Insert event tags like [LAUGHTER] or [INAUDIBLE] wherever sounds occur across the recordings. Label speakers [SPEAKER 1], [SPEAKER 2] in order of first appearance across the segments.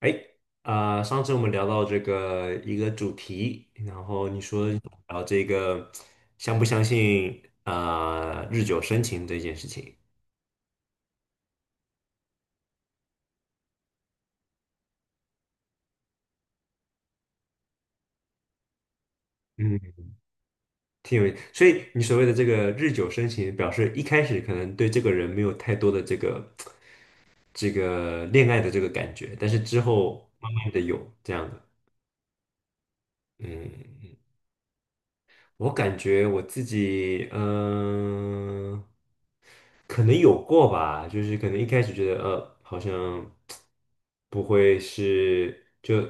[SPEAKER 1] 哎，啊、上次我们聊到这个一个主题，然后你说聊这个相不相信啊、日久生情这件事情。嗯，挺有。所以你所谓的这个日久生情，表示一开始可能对这个人没有太多的这个恋爱的这个感觉，但是之后慢慢的有这样的。嗯我感觉我自己，可能有过吧，就是可能一开始觉得，好像不会是，就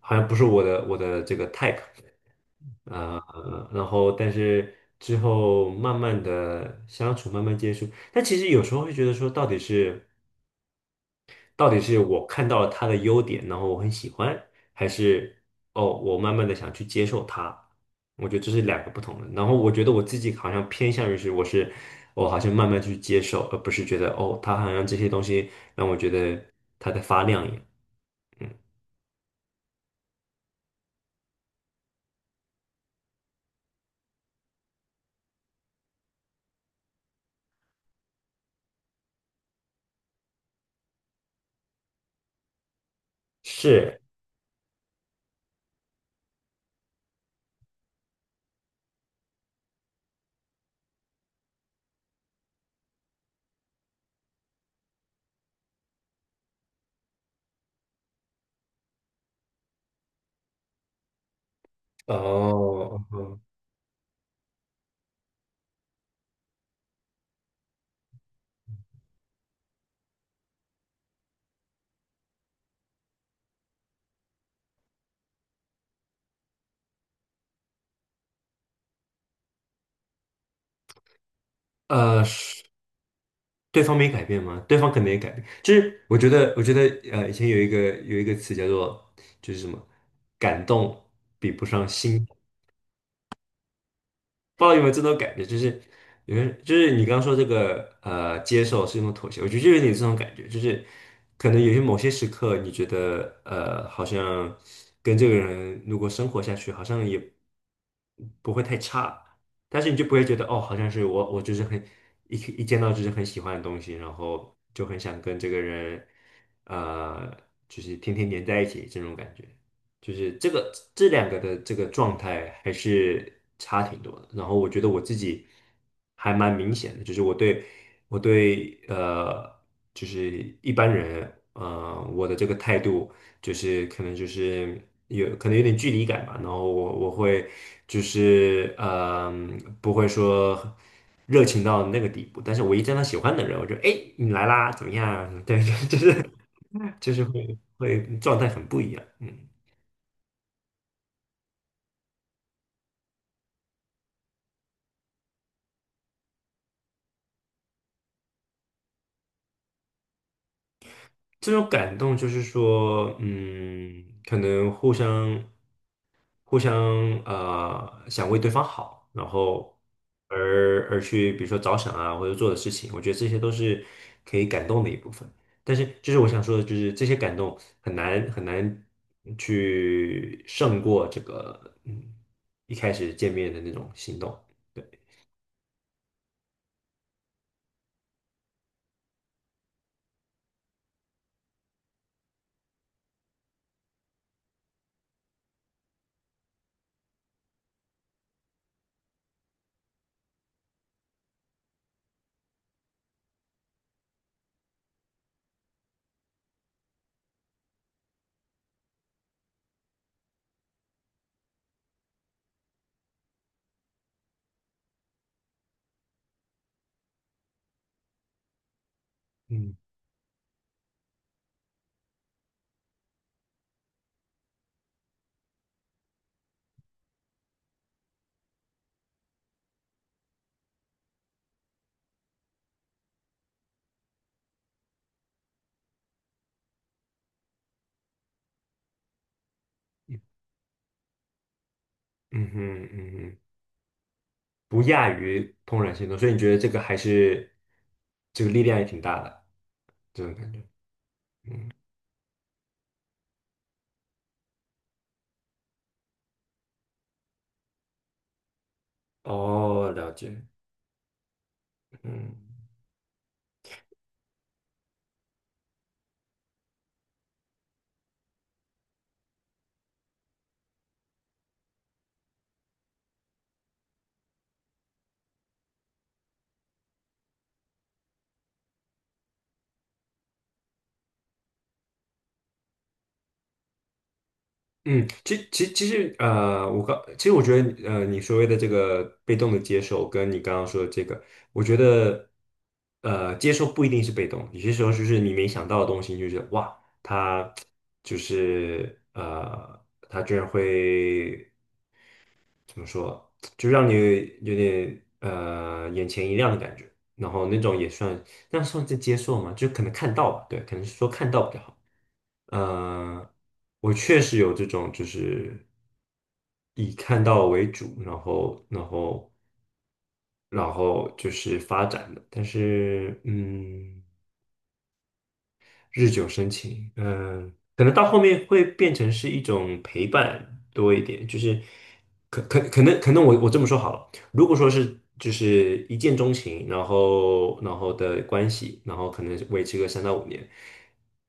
[SPEAKER 1] 好像不是我的这个 type。呃，然后但是之后慢慢的相处，慢慢接触，但其实有时候会觉得说，到底是。到底是我看到了他的优点，然后我很喜欢，还是哦，我慢慢的想去接受他？我觉得这是两个不同的。然后我觉得我自己好像偏向于是，我是我好像慢慢去接受，而不是觉得哦，他好像这些东西让我觉得他在发亮一样。嗯，是哦，嗯，是对方没改变吗？对方可能也改变。就是我觉得，呃，以前有一个词叫做就是什么感动比不上心。不知道有没有这种感觉，就是有没有就是你刚刚说这个接受是一种妥协，我觉得就有点这种感觉，就是可能有些某些时刻，你觉得好像跟这个人如果生活下去，好像也不会太差，但是你就不会觉得哦，好像是我就是很一见到就是很喜欢的东西，然后就很想跟这个人呃，就是天天黏在一起这种感觉。就是这个这两个的这个状态还是差挺多的。然后我觉得我自己还蛮明显的，就是我对就是一般人我的这个态度就是可能就是有可能有点距离感吧。然后我会就是不会说。热情到那个地步，但是我一见到喜欢的人，我就哎，诶你来啦，怎么样啊？对，[LAUGHS] 就是就是会状态很不一样，嗯。这种感动就是说，嗯，可能互相想为对方好，然后而去比如说着想啊，或者做的事情，我觉得这些都是可以感动的一部分。但是就是我想说的，就是这些感动很难很难去胜过这个一开始见面的那种心动。对，嗯嗯哼嗯哼。不亚于怦然心动，所以你觉得这个还是这个力量也挺大的这种感觉。哦，了解，嗯嗯，其实我刚其实我觉得你所谓的这个被动的接受，跟你刚刚说的这个，我觉得接受不一定是被动，有些时候就是你没想到的东西，你就是哇，他就是他居然会。怎么说，就让你有点眼前一亮的感觉，然后那种也算，那算是接受嘛，就可能看到吧，对，可能是说看到比较好。呃，我确实有这种，就是以看到为主，然后就是发展的，但是嗯。日久生情，嗯，可能到后面会变成是一种陪伴多一点，就是可能我这么说好了，如果说是就是一见钟情，然后的关系，然后可能维持个3到5年，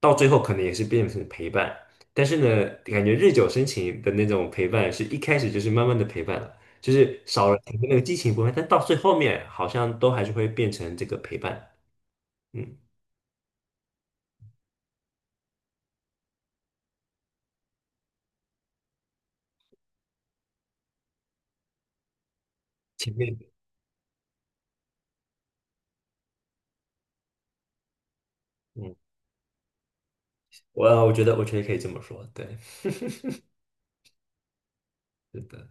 [SPEAKER 1] 到最后可能也是变成陪伴，但是呢，感觉日久生情的那种陪伴是一开始就是慢慢的陪伴了，就是少了前面那个激情部分，但到最后面好像都还是会变成这个陪伴。嗯，前面。嗯。我觉得可以这么说，对，[LAUGHS] 是的。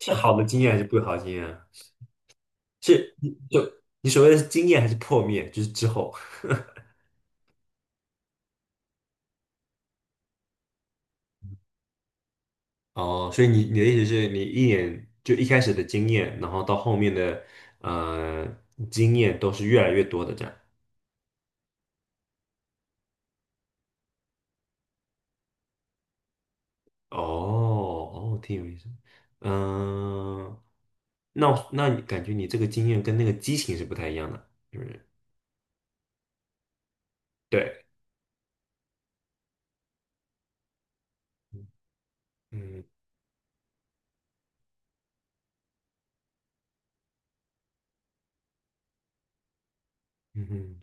[SPEAKER 1] 是好的经验还是不好的经验啊？是你就你所谓的是经验还是破灭，就是之后哦，所以你的意思是你一眼就一开始的经验，然后到后面的呃经验都是越来越多的这样。哦哦，挺有意思。嗯、那你感觉你这个经验跟那个激情是不太一样的，是不是？对，嗯嗯嗯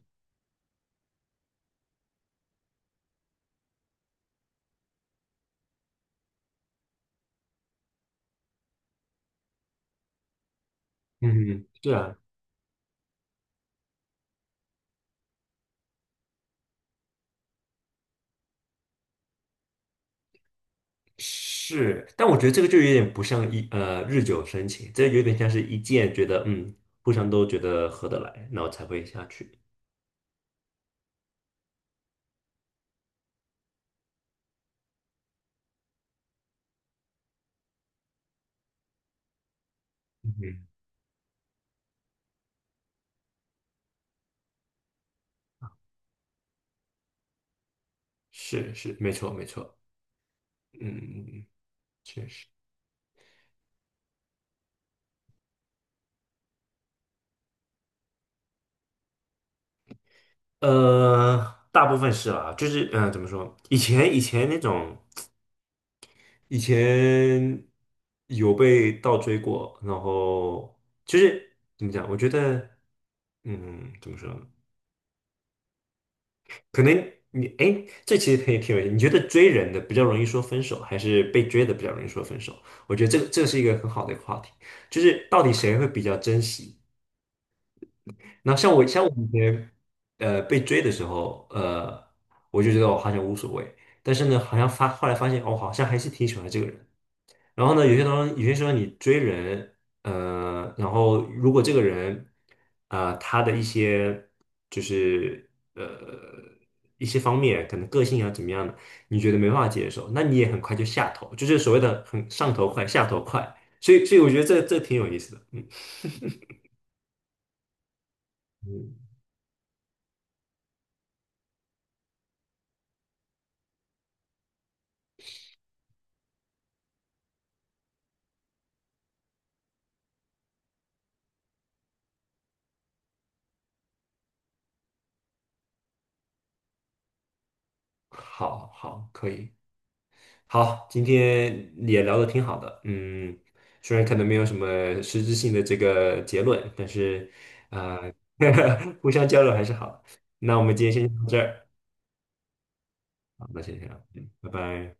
[SPEAKER 1] 嗯，是啊。是，但我觉得这个就有点不像日久生情，这有点像是一见觉得互相都觉得合得来，然后才会下去。嗯，是是，没错没错，嗯，确实。大部分是啦，就是怎么说？以前那种，以前有被倒追过，然后就是怎么讲？我觉得，嗯，怎么说？可能你哎，诶这其实可以挺有意思。你觉得追人的比较容易说分手，还是被追的比较容易说分手？我觉得这是一个很好的一个话题，就是到底谁会比较珍惜？那像我以前被追的时候，我就觉得我好像无所谓，但是呢，好像后来发现，我、好像还是挺喜欢这个人。然后呢，有些当中有些时候你追人，然后如果这个人，他的一些就是呃一些方面，可能个性啊怎么样的，你觉得没办法接受，那你也很快就下头，就是所谓的很上头快，下头快。所以我觉得这挺有意思的，嗯嗯，好好可以。好，今天也聊得挺好的，嗯，虽然可能没有什么实质性的这个结论，但是啊，[LAUGHS] 互相交流还是好的。那我们今天先到这儿，好，那先这样，嗯，拜拜。